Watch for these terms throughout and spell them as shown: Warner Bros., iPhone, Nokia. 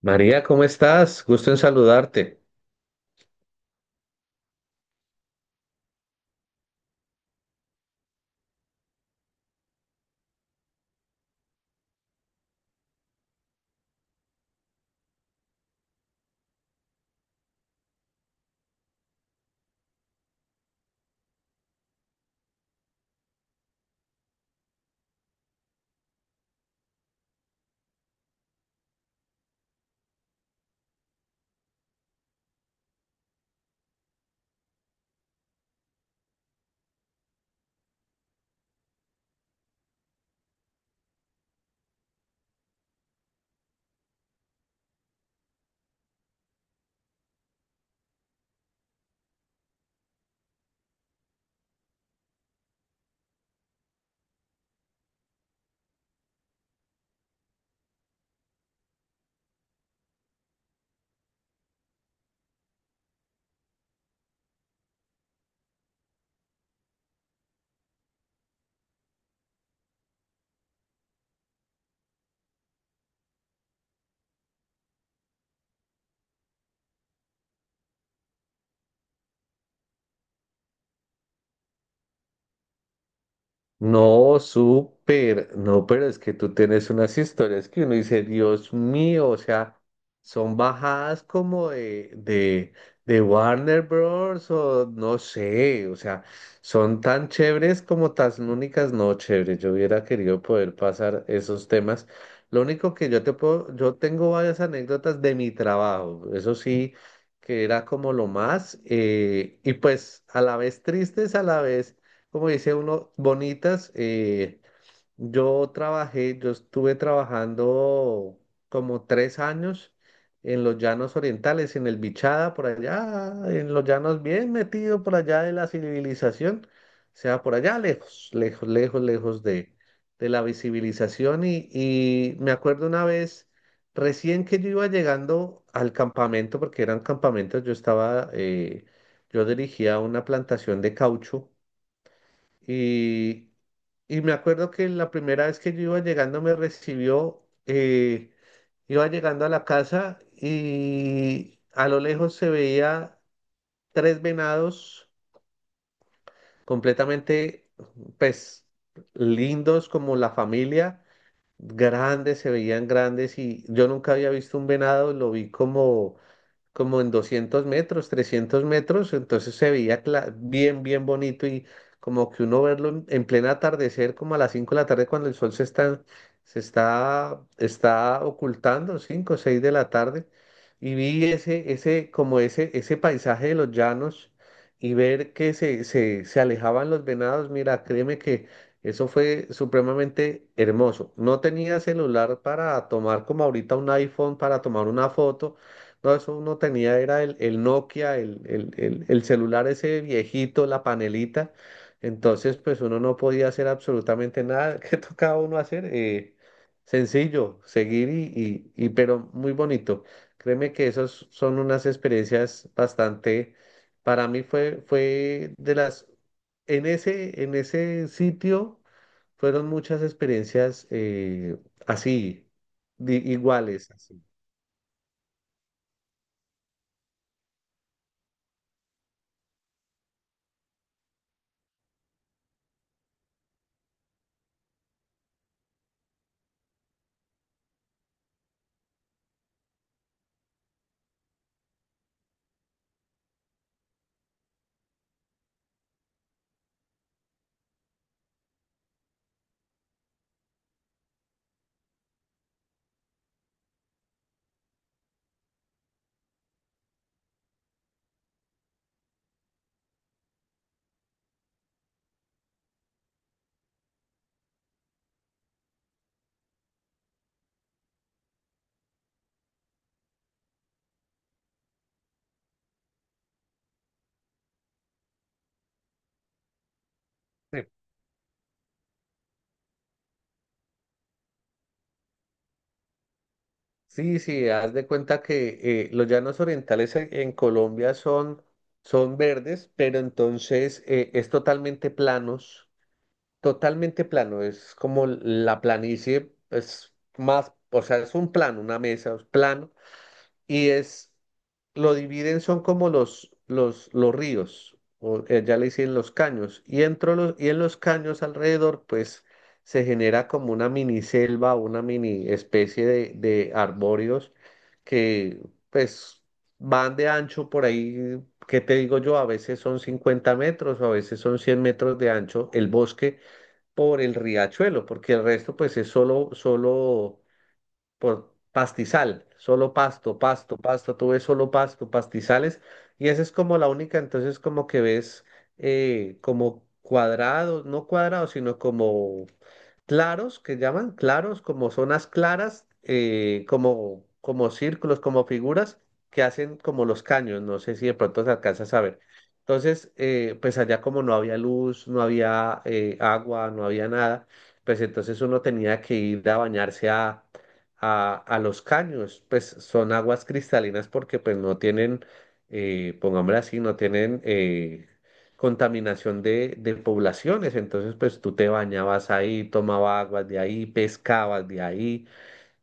María, ¿cómo estás? Gusto en saludarte. No, súper, no, pero es que tú tienes unas historias que uno dice, Dios mío, o sea, son bajadas como de Warner Bros. O no sé, o sea, son tan chéveres como tan únicas, no chéveres. Yo hubiera querido poder pasar esos temas. Lo único que yo te puedo, yo tengo varias anécdotas de mi trabajo, eso sí, que era como lo más, y pues a la vez tristes, a la vez como dice uno, bonitas. Yo trabajé, yo estuve trabajando como 3 años en los llanos orientales, en el Bichada, por allá, en los llanos bien metido por allá de la civilización, o sea, por allá lejos, lejos, lejos, lejos de la visibilización. Y me acuerdo una vez, recién que yo iba llegando al campamento, porque eran campamentos, yo estaba, yo dirigía una plantación de caucho y, y me acuerdo que la primera vez que yo iba llegando me recibió, iba llegando a la casa y a lo lejos se veía tres venados completamente, pues, lindos como la familia, grandes, se veían grandes y yo nunca había visto un venado, lo vi como en 200 metros, 300 metros, entonces se veía bien, bien bonito y como que uno verlo en pleno atardecer, como a las 5 de la tarde cuando el sol se está, está ocultando, cinco o 6 de la tarde, y vi ese, ese paisaje de los llanos y ver que se alejaban los venados, mira, créeme que... Eso fue supremamente hermoso. No tenía celular para tomar como ahorita un iPhone para tomar una foto, no, eso uno tenía, era el Nokia, el celular ese viejito, la panelita. Entonces, pues uno no podía hacer absolutamente nada. ¿Qué tocaba uno hacer? Sencillo, seguir pero muy bonito. Créeme que esas son unas experiencias bastante, para mí fue de las, en ese sitio fueron muchas experiencias así, iguales, así. Sí, sí, haz de cuenta que los llanos orientales en Colombia son verdes, pero entonces es totalmente planos, totalmente plano, es como la planicie, es más, o sea, es un plano, una mesa, es plano y es, lo dividen, son como los ríos, o ya le dicen los caños, y en los caños alrededor, pues se genera como una mini selva, una mini especie de arbóreos que pues van de ancho por ahí, ¿qué te digo yo? A veces son 50 metros o a veces son 100 metros de ancho el bosque por el riachuelo, porque el resto pues es solo por pastizal, solo pasto, pasto, pasto, tú ves solo pasto, pastizales, y esa es como la única, entonces como que ves como cuadrados, no cuadrados, sino como claros, que llaman claros, como zonas claras, como círculos, como figuras que hacen como los caños, no sé si de pronto se alcanzas a ver. Entonces, pues allá como no había luz, no había agua, no había nada, pues entonces uno tenía que ir a bañarse a los caños, pues son aguas cristalinas porque pues no tienen, pongámoslo así, no tienen contaminación de poblaciones, entonces pues tú te bañabas ahí, tomabas aguas de ahí, pescabas de ahí,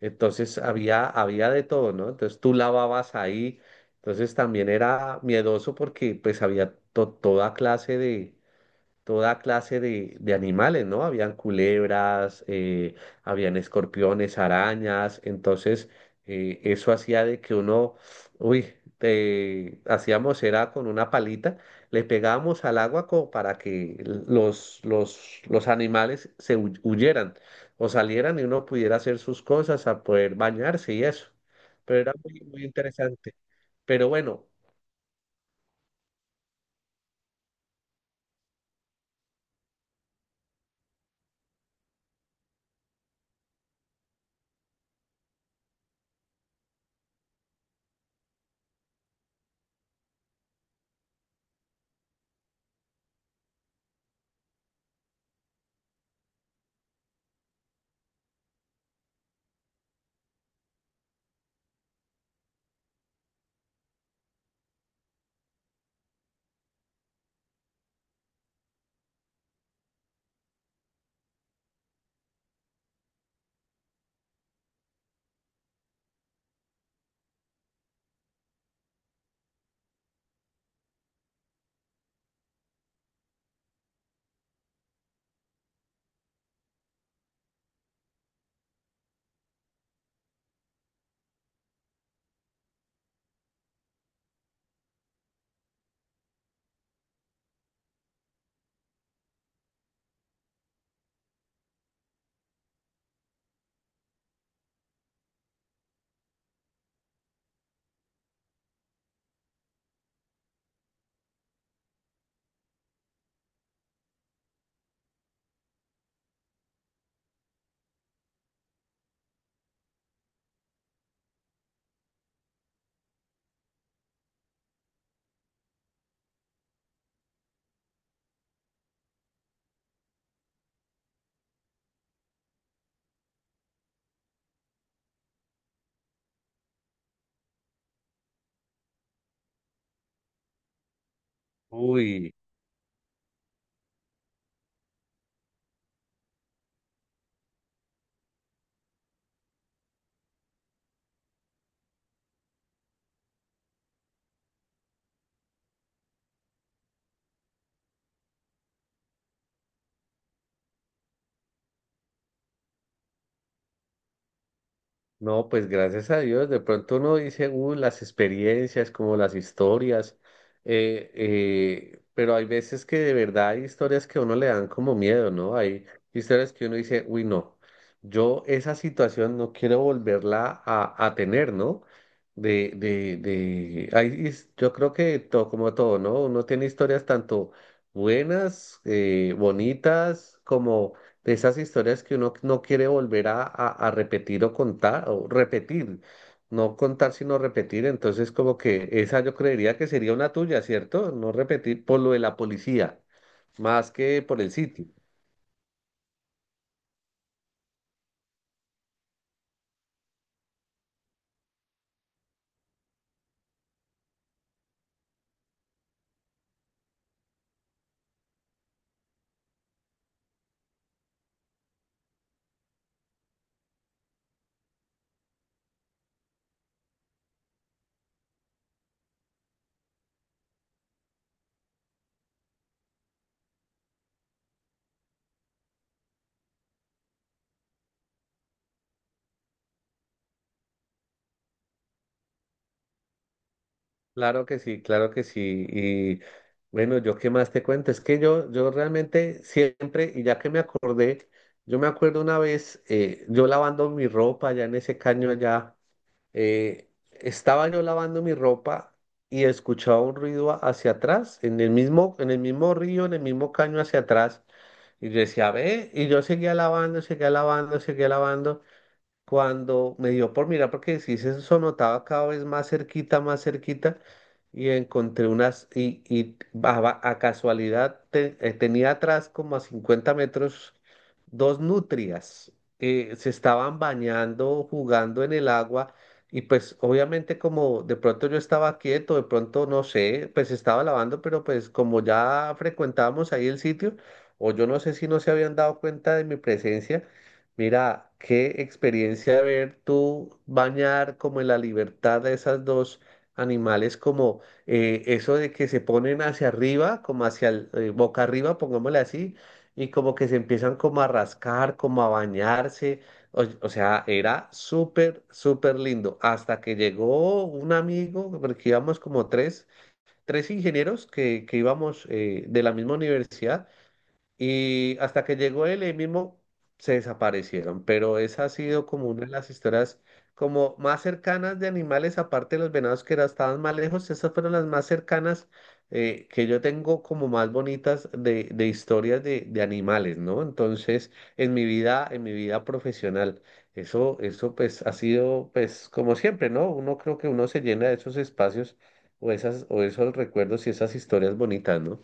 entonces había de todo, ¿no? Entonces tú lavabas ahí, entonces también era miedoso porque pues había toda clase de animales, ¿no? Habían culebras, habían escorpiones, arañas, entonces eso hacía de que uno, uy, hacíamos era con una palita, le pegábamos al agua como para que los animales se huyeran o salieran y uno pudiera hacer sus cosas, a poder bañarse y eso. Pero era muy, muy interesante. Pero bueno, uy. No, pues gracias a Dios, de pronto uno dice, las experiencias, como las historias, pero hay veces que de verdad hay historias que a uno le dan como miedo, ¿no? Hay historias que uno dice, uy, no, yo esa situación no quiero volverla a tener, ¿no? De, hay yo creo que todo, como todo, ¿no? Uno tiene historias tanto buenas, bonitas, como de esas historias que uno no quiere volver a repetir o contar, o repetir, no contar sino repetir, entonces como que esa yo creería que sería una tuya, ¿cierto? No repetir por lo de la policía, más que por el sitio. Claro que sí, claro que sí. Y bueno, yo qué más te cuento, es que yo realmente siempre, y ya que me acordé, yo me acuerdo una vez, yo lavando mi ropa allá en ese caño allá. Estaba yo lavando mi ropa y escuchaba un ruido hacia atrás, en el mismo río, en el mismo caño hacia atrás. Y yo decía, ve, y yo seguía lavando, seguía lavando, seguía lavando cuando me dio por mirar, porque sí se sonotaba cada vez más cerquita, y encontré unas, y a casualidad tenía atrás como a 50 metros dos nutrias, se estaban bañando, jugando en el agua, y pues obviamente como de pronto yo estaba quieto, de pronto no sé, pues estaba lavando, pero pues como ya frecuentábamos ahí el sitio, o yo no sé si no se habían dado cuenta de mi presencia, mira, qué experiencia ver tú bañar como en la libertad de esas dos animales, como eso de que se ponen hacia arriba, como boca arriba, pongámosle así, y como que se empiezan como a rascar, como a bañarse. O sea, era súper, súper lindo. Hasta que llegó un amigo, porque íbamos como tres ingenieros que íbamos de la misma universidad. Y hasta que llegó él, ahí mismo se desaparecieron. Pero esa ha sido como una de las historias como más cercanas de animales, aparte de los venados que estaban más lejos, esas fueron las más cercanas que yo tengo como más bonitas de historias de animales, ¿no? Entonces, en mi vida profesional, eso pues ha sido pues como siempre, ¿no? Uno creo que uno se llena de esos espacios o esos recuerdos y esas historias bonitas, ¿no?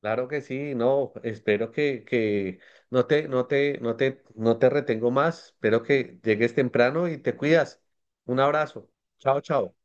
Claro que sí, no, espero que no te retengo más, espero que llegues temprano y te cuidas. Un abrazo. Chao, chao.